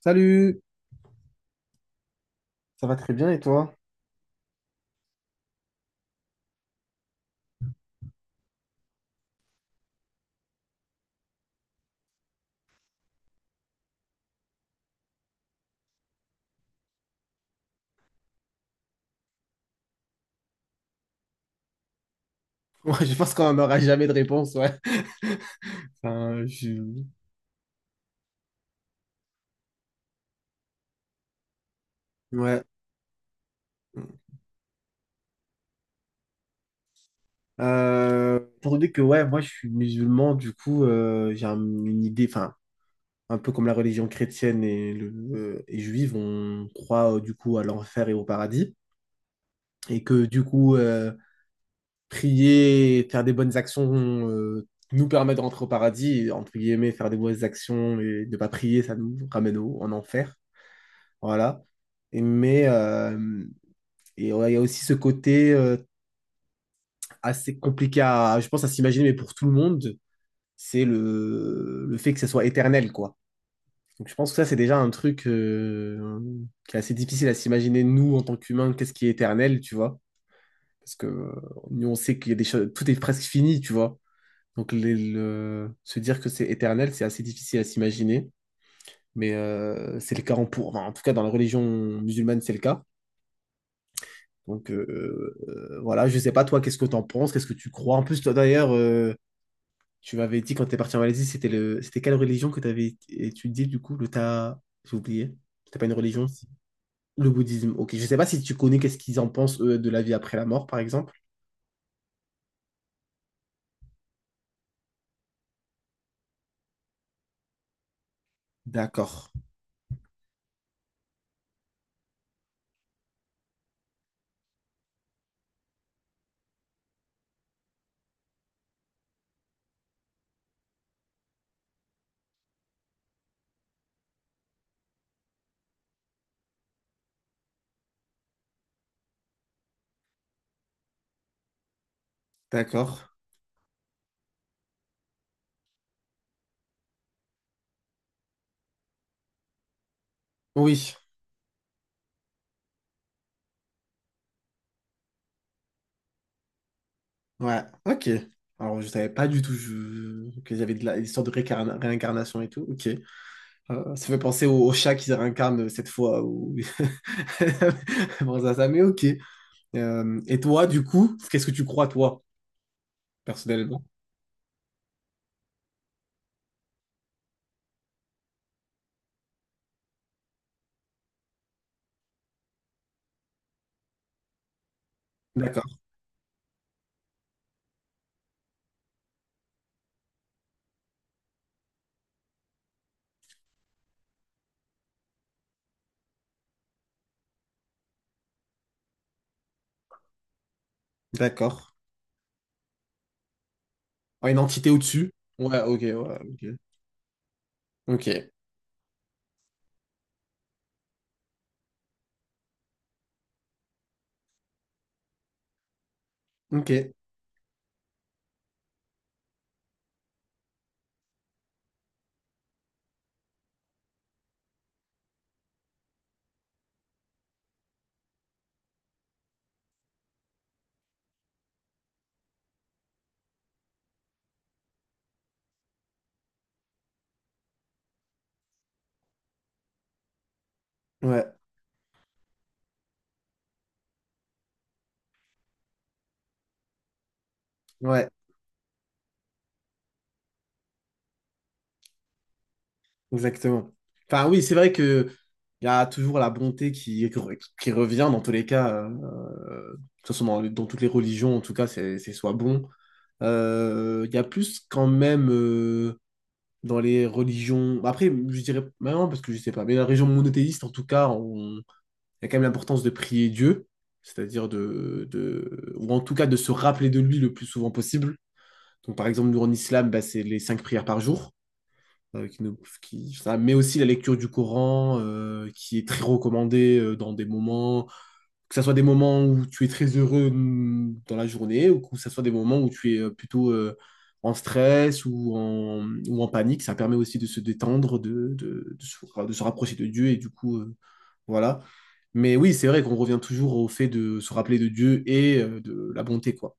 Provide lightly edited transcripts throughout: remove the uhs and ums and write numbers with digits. Salut! Ça va très bien et toi? Ouais, je pense qu'on n'aura jamais de réponse, ouais. Enfin, je. Ouais. Étant donné que ouais, moi je suis musulman, du coup j'ai une idée, enfin un peu comme la religion chrétienne et juive, on croit du coup à l'enfer et au paradis, et que du coup prier, faire des bonnes actions nous permet de rentrer au paradis, et, entre guillemets, faire des mauvaises actions et ne pas prier, ça nous ramène en enfer, voilà. Et, mais euh, Et ouais, il y a aussi ce côté assez compliqué à, je pense, à s'imaginer, mais pour tout le monde, c'est le fait que ça soit éternel, quoi. Donc je pense que ça, c'est déjà un truc qui est assez difficile à s'imaginer, nous, en tant qu'humains, qu'est-ce qui est éternel, tu vois. Parce que nous, on sait qu'il y a des choses, tout est presque fini, tu vois. Donc se dire que c'est éternel, c'est assez difficile à s'imaginer. Mais c'est le cas enfin, en tout cas, dans la religion musulmane, c'est le cas. Donc voilà, je sais pas toi, qu'est-ce que t'en penses, qu'est-ce que tu crois. En plus, toi d'ailleurs, tu m'avais dit quand t'es parti en Malaisie, c'était quelle religion que t'avais étudié du coup, j'ai oublié. C'était pas une religion, si. Le bouddhisme. Ok, je sais pas si tu connais qu'est-ce qu'ils en pensent eux, de la vie après la mort, par exemple. D'accord, d'accord. Oui, ouais, ok. Alors je savais pas du tout qu'il y avait l'histoire de réincarnation et tout. Ok. Ça fait penser au chat qui se réincarne cette fois ou bon, mais ok. Et toi, du coup, qu'est-ce que tu crois, toi, personnellement? D'accord, d'accord. Ouais, une entité au-dessus? Ouais, ok, ouais, ok. Ok, ok, ouais, ouais, exactement. Enfin, oui, c'est vrai que il y a toujours la bonté qui revient dans tous les cas, de toute façon, dans toutes les religions, en tout cas, c'est soit bon. Il y a plus quand même dans les religions. Après, je dirais maintenant parce que je sais pas, mais la religion monothéiste, en tout cas, on il y a quand même l'importance de prier Dieu, c'est-à-dire ou en tout cas de se rappeler de lui le plus souvent possible. Donc par exemple, nous en islam, bah, c'est les cinq prières par jour, qui nous- qui- ça, mais aussi la lecture du Coran, qui est très recommandée dans des moments que ça soit des moments où tu es très heureux dans la journée ou que ça soit des moments où tu es plutôt en stress ou ou en panique. Ça permet aussi de se détendre, de se, enfin, de se rapprocher de Dieu et du coup, voilà. Mais oui, c'est vrai qu'on revient toujours au fait de se rappeler de Dieu et de la bonté, quoi.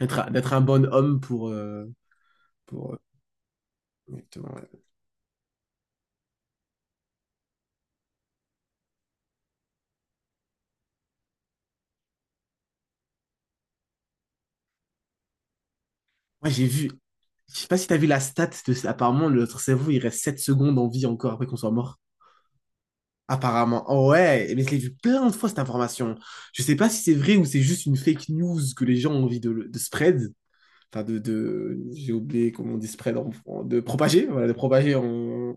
D'être un bon homme pour exactement, ouais. Moi, j'ai vu. Je sais pas si t'as vu la stat de. Apparemment, notre cerveau, il reste 7 secondes en vie encore après qu'on soit mort. Apparemment. Oh ouais, mais je l'ai vu plein de fois cette information. Je sais pas si c'est vrai ou c'est juste une fake news que les gens ont envie de spread. Enfin, de j'ai oublié comment on dit spread de propager. Voilà, de propager en.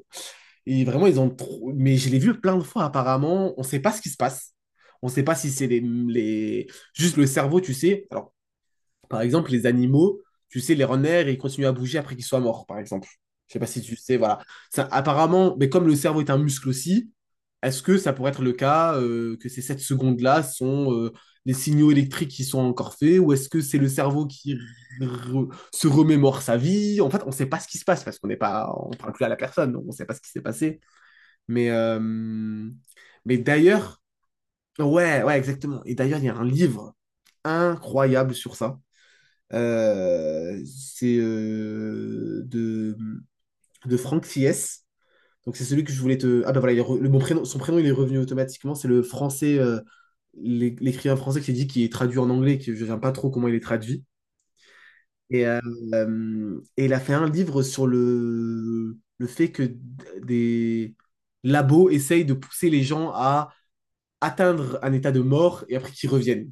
Et vraiment, ils ont trop. Mais je l'ai vu plein de fois apparemment. On sait pas ce qui se passe. On sait pas si c'est les. Juste le cerveau, tu sais. Alors, par exemple, les animaux, tu sais, les renards, ils continuent à bouger après qu'ils soient morts, par exemple. Je sais pas si tu sais, voilà. Ça, apparemment, mais comme le cerveau est un muscle aussi, est-ce que ça pourrait être le cas que ces 7 secondes-là sont les signaux électriques qui sont encore faits ou est-ce que c'est le cerveau qui se remémore sa vie? En fait, on ne sait pas ce qui se passe parce qu'on n'est pas, on parle plus à la personne, donc on ne sait pas ce qui s'est passé. Mais, euh, mais d'ailleurs, ouais, ouais, exactement. Et d'ailleurs, il y a un livre incroyable sur ça, c'est, de Franck Fies. Donc c'est celui que je voulais te. Ah bah voilà, il est le, bon prénom, son prénom il est revenu automatiquement, c'est le français, l'écrivain français qui s'est dit qui est traduit en anglais, que je ne sais pas trop comment il est traduit. Et, euh, et il a fait un livre sur le fait que des labos essayent de pousser les gens à atteindre un état de mort et après qu'ils reviennent.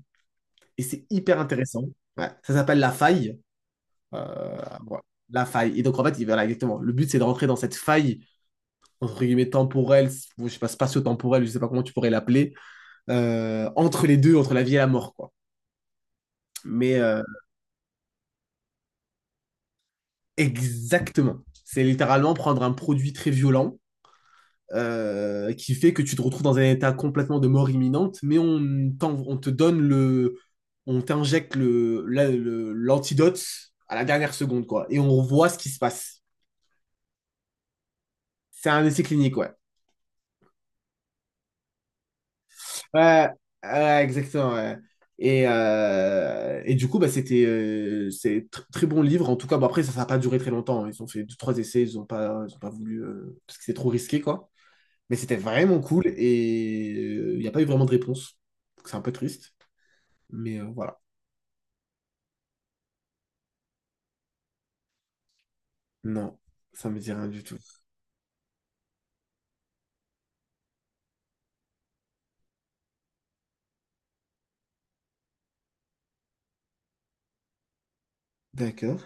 Et c'est hyper intéressant. Ouais. Ça s'appelle La Faille. Euh, voilà. La faille. Et donc, en fait, voilà, exactement. Le but, c'est de rentrer dans cette faille, entre guillemets, temporelle, je sais pas, spatio-temporelle, je sais pas comment tu pourrais l'appeler, entre les deux, entre la vie et la mort, quoi. Mais euh, Exactement. C'est littéralement prendre un produit très violent, qui fait que tu te retrouves dans un état complètement de mort imminente, mais on te donne le. On t'injecte l'antidote à la dernière seconde, quoi. Et on voit ce qui se passe. C'est un essai clinique, ouais. Ouais, ouais, exactement, ouais. Et du coup, bah, c'est très bon livre. En tout cas, bon, après, ça n'a pas duré très longtemps, hein. Ils ont fait deux, trois essais, ils n'ont pas, ils ont pas voulu, parce que c'est trop risqué, quoi. Mais c'était vraiment cool et il n'y a pas eu vraiment de réponse. Donc, c'est un peu triste. Mais, voilà. Non, ça me dit rien du tout. D'accord.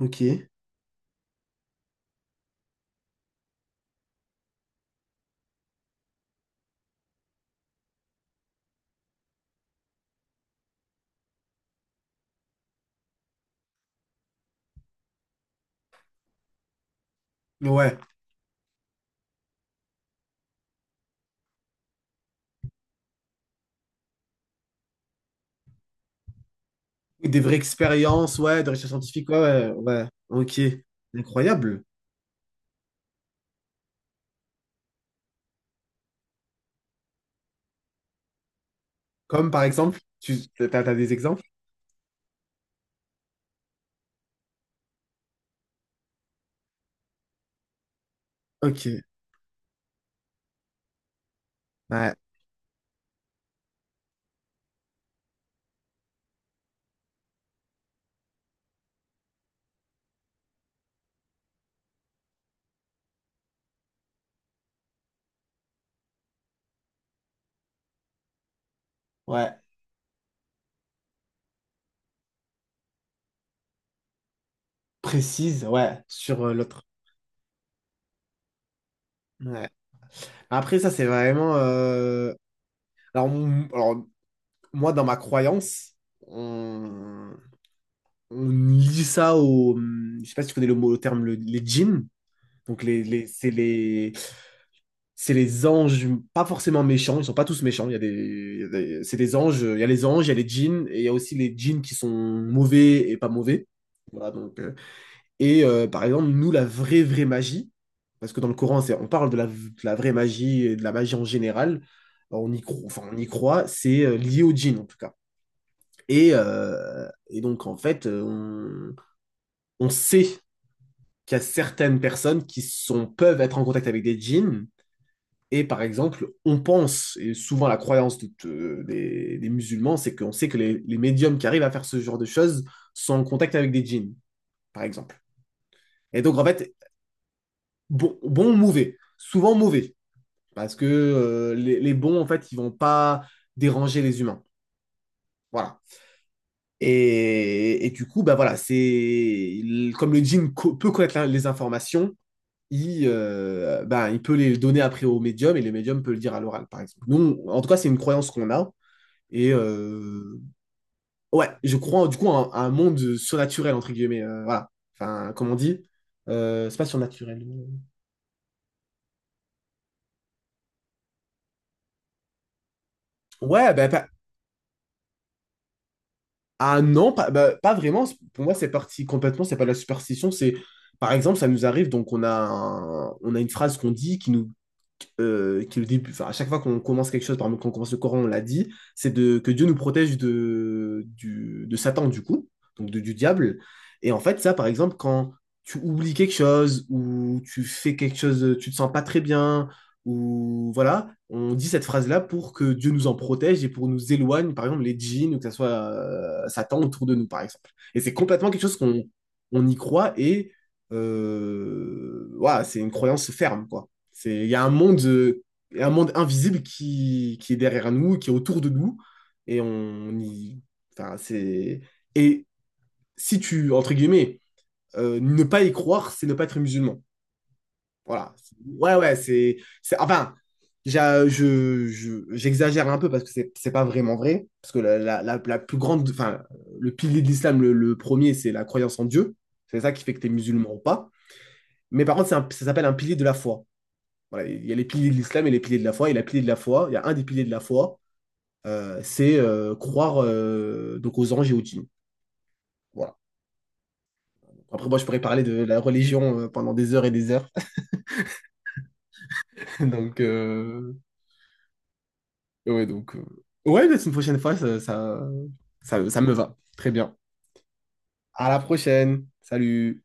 Ok. Ouais. Des vraies expériences, ouais, de recherche scientifique, ouais, ouais, ouais. Ok. Incroyable. Comme par exemple, t'as des exemples? Ok. Ouais. Ouais, précise, ouais, sur l'autre. Ouais. Après, ça, c'est vraiment. Alors, moi, dans ma croyance, on, on lit ça au. Je sais pas si tu connais le mot, le terme, les djinns. Donc, c'est les anges, pas forcément méchants, ils sont pas tous méchants. Il y a des, il y a des- C'est des anges, il y a les anges, il y a les djinns, et il y a aussi les djinns qui sont mauvais et pas mauvais. Voilà, donc, et par exemple, nous, la vraie, vraie magie, parce que dans le Coran, on parle de la vraie magie et de la magie en général, on y croit, enfin, on y croit, c'est lié au djinn en tout cas. Et donc, en fait, on sait qu'il y a certaines personnes qui sont, peuvent être en contact avec des djinns. Et par exemple, on pense, et souvent la croyance des musulmans, c'est qu'on sait que les médiums qui arrivent à faire ce genre de choses sont en contact avec des djinns, par exemple. Et donc, en fait, bon, bon ou mauvais. Souvent mauvais. Parce que les bons, en fait, ils vont pas déranger les humains. Voilà. Et du coup, bah voilà, c'est comme le djinn peut connaître les informations, bah, il peut les donner après au médium et le médium peut le dire à l'oral, par exemple. Nous, en tout cas, c'est une croyance qu'on a. Et euh, ouais, je crois du coup à un monde surnaturel, entre guillemets, voilà. Enfin, comme on dit, c'est pas surnaturel. Ouais, bah. Ah non, pas, bah, pas vraiment. Pour moi, c'est parti complètement. C'est pas de la superstition. C'est, par exemple, ça nous arrive. Donc, on a une phrase qu'on dit qui nous, qui est le début, enfin, à chaque fois qu'on commence quelque chose, par exemple, quand on commence le Coran, on l'a dit, que Dieu nous protège de Satan, du coup, donc du diable. Et en fait, ça, par exemple, quand tu oublies quelque chose ou tu fais quelque chose, tu te sens pas très bien, ou voilà, on dit cette phrase-là pour que Dieu nous en protège et pour nous éloigne, par exemple, les djinns ou que ça soit Satan autour de nous, par exemple. Et c'est complètement quelque chose qu'on on y croit et voilà, c'est une croyance ferme, quoi. C'est, il y a un monde invisible qui est derrière nous, qui est autour de nous, et on y, enfin, c'est, et si tu, entre guillemets, ne pas y croire, c'est ne pas être musulman. Voilà. Ouais, ouais, enfin, j'exagère un peu parce que c'est pas vraiment vrai, parce que la plus grande, enfin, le pilier de l'islam, le premier, c'est la croyance en Dieu. C'est ça qui fait que tu es musulman ou pas. Mais par contre, ça s'appelle un pilier de la foi. Voilà, il y a les piliers de l'islam et les piliers de la foi. Il y a un des piliers de la foi, c'est croire donc aux anges et aux djinns. Voilà. Après, moi, je pourrais parler de la religion pendant des heures et des heures. Donc, euh, ouais, donc, euh, ouais, mais une prochaine fois, ça me va. Très bien. À la prochaine. Salut.